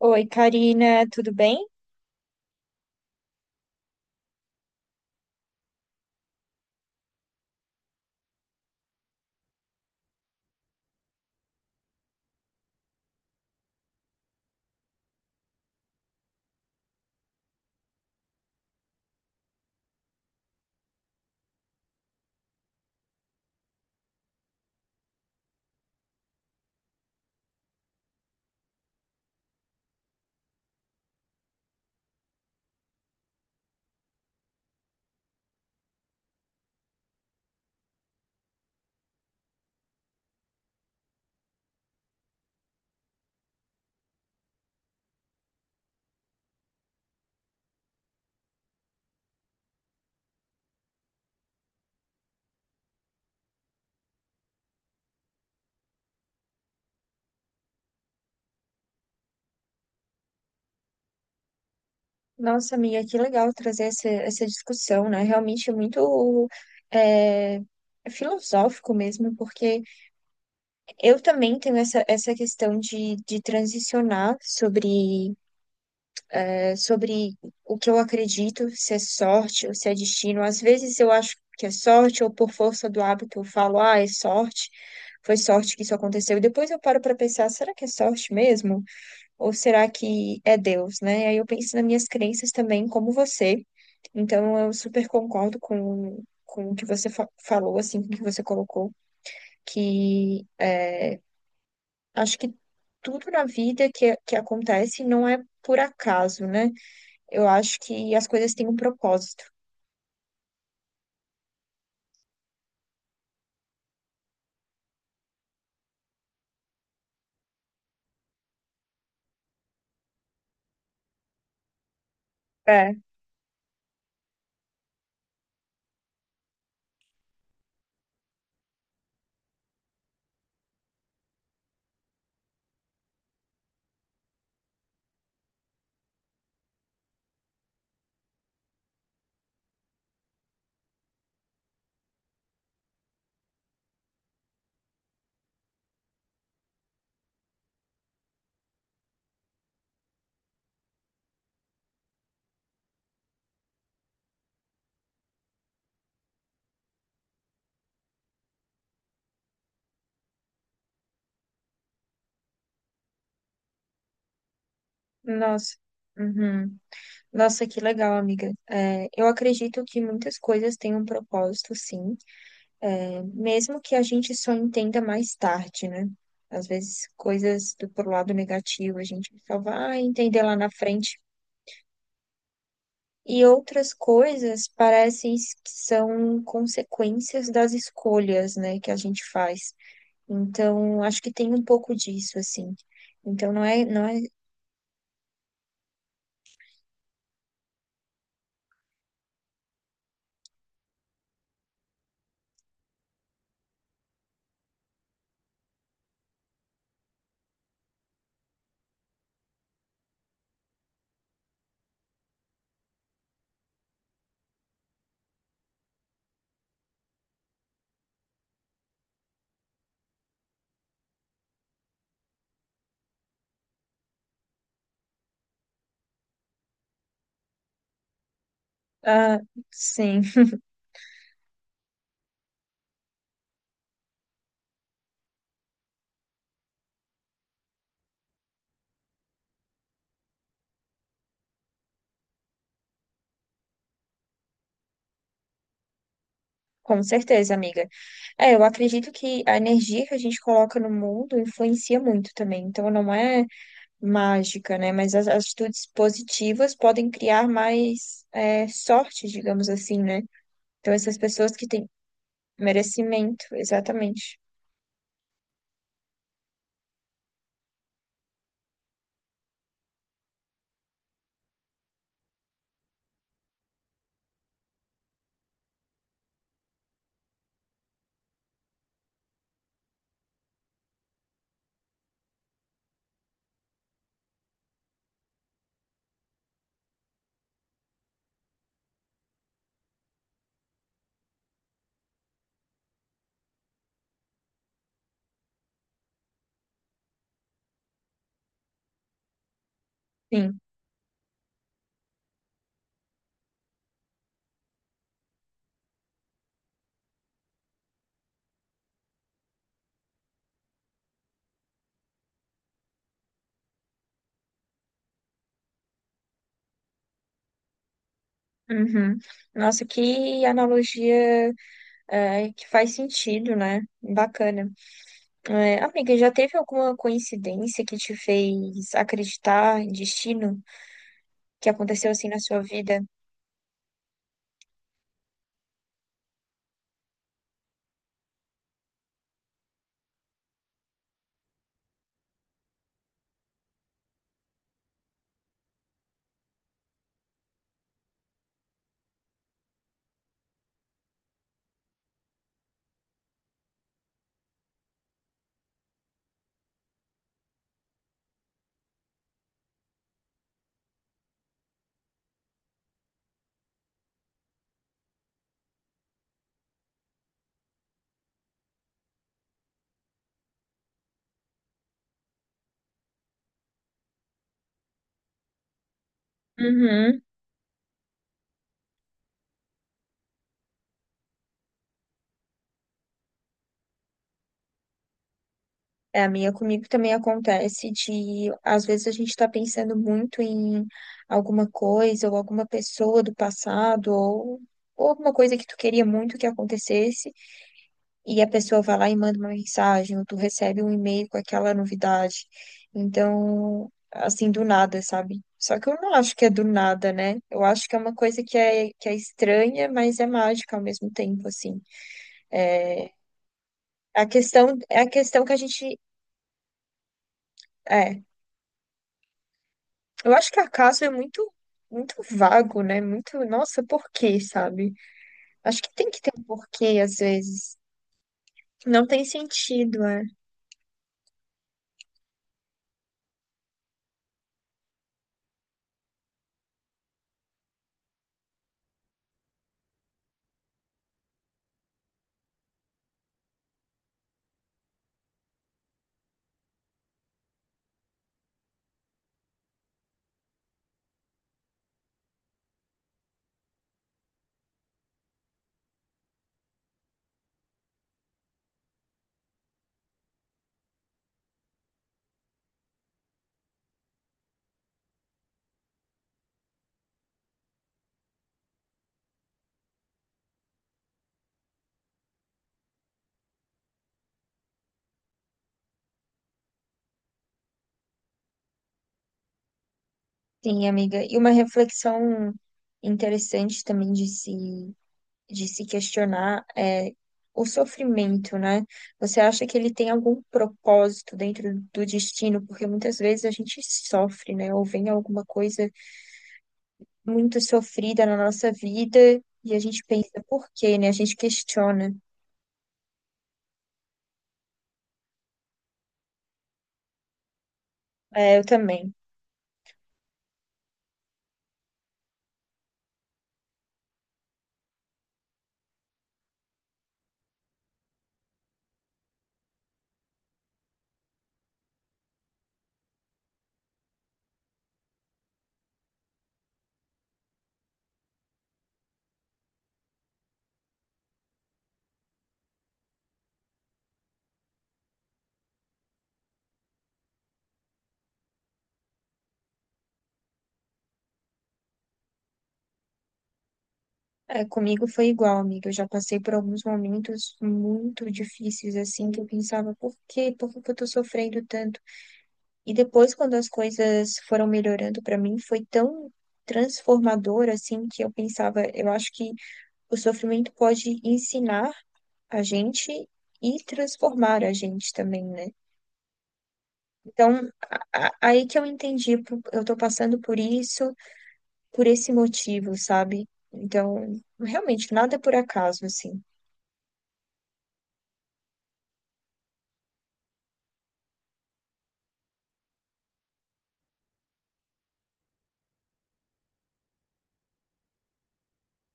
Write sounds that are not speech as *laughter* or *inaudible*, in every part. Oi, Karina, tudo bem? Nossa, amiga, que legal trazer essa discussão, né? Realmente é muito é, filosófico mesmo, porque eu também tenho essa questão de transicionar sobre, sobre o que eu acredito, se é sorte ou se é destino. Às vezes eu acho que é sorte, ou por força do hábito eu falo, ah, é sorte, foi sorte que isso aconteceu. E depois eu paro para pensar, será que é sorte mesmo? Ou será que é Deus, né? Aí eu penso nas minhas crenças também, como você. Então eu super concordo com o que você falou, assim, com o que você colocou, que acho que tudo na vida que acontece não é por acaso, né? Eu acho que as coisas têm um propósito. É, nossa. Uhum. Nossa, que legal, amiga. É, eu acredito que muitas coisas têm um propósito, sim. Mesmo que a gente só entenda mais tarde, né? Às vezes, coisas do pro lado negativo, a gente só vai entender lá na frente. E outras coisas parecem que são consequências das escolhas, né, que a gente faz. Então, acho que tem um pouco disso, assim. Então, não é, não é, ah, sim, *laughs* com certeza, amiga. É, eu acredito que a energia que a gente coloca no mundo influencia muito também. Então, não é mágica, né? Mas as atitudes positivas podem criar mais sorte, digamos assim, né? Então, essas pessoas que têm merecimento, exatamente. Sim. Uhum. Nossa, que analogia que faz sentido, né? Bacana. É, amiga, já teve alguma coincidência que te fez acreditar em destino que aconteceu assim na sua vida? Uhum. É, a minha comigo também acontece de, às vezes, a gente está pensando muito em alguma coisa ou alguma pessoa do passado ou alguma coisa que tu queria muito que acontecesse e a pessoa vai lá e manda uma mensagem ou tu recebe um e-mail com aquela novidade. Então, assim, do nada, sabe? Só que eu não acho que é do nada, né? Eu acho que é uma coisa que é estranha, mas é mágica ao mesmo tempo, assim. É, é a questão que a gente. é, Eu acho que acaso é muito vago, né? Muito, nossa, por quê, sabe? Acho que tem que ter um porquê, às vezes. Não tem sentido, né? Sim, amiga. E uma reflexão interessante também de se questionar é o sofrimento, né? Você acha que ele tem algum propósito dentro do destino? Porque muitas vezes a gente sofre, né? Ou vem alguma coisa muito sofrida na nossa vida e a gente pensa, por quê, né? A gente questiona. É, eu também. É, comigo foi igual, amiga. Eu já passei por alguns momentos muito difíceis, assim, que eu pensava, por quê? Por que que eu tô sofrendo tanto? E depois, quando as coisas foram melhorando pra mim, foi tão transformador, assim, que eu pensava, eu acho que o sofrimento pode ensinar a gente e transformar a gente também, né? Então, aí que eu entendi, eu tô passando por isso, por esse motivo, sabe? Então, realmente, nada é por acaso, assim.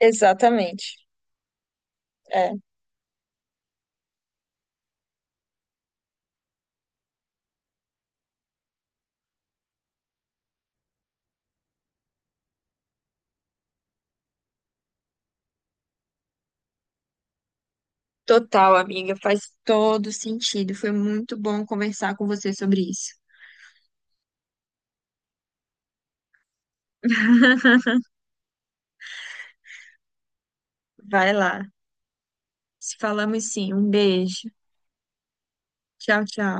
Exatamente. É, total, amiga, faz todo sentido. Foi muito bom conversar com você sobre isso. *laughs* Vai lá. Se falamos sim. Um beijo. Tchau, tchau.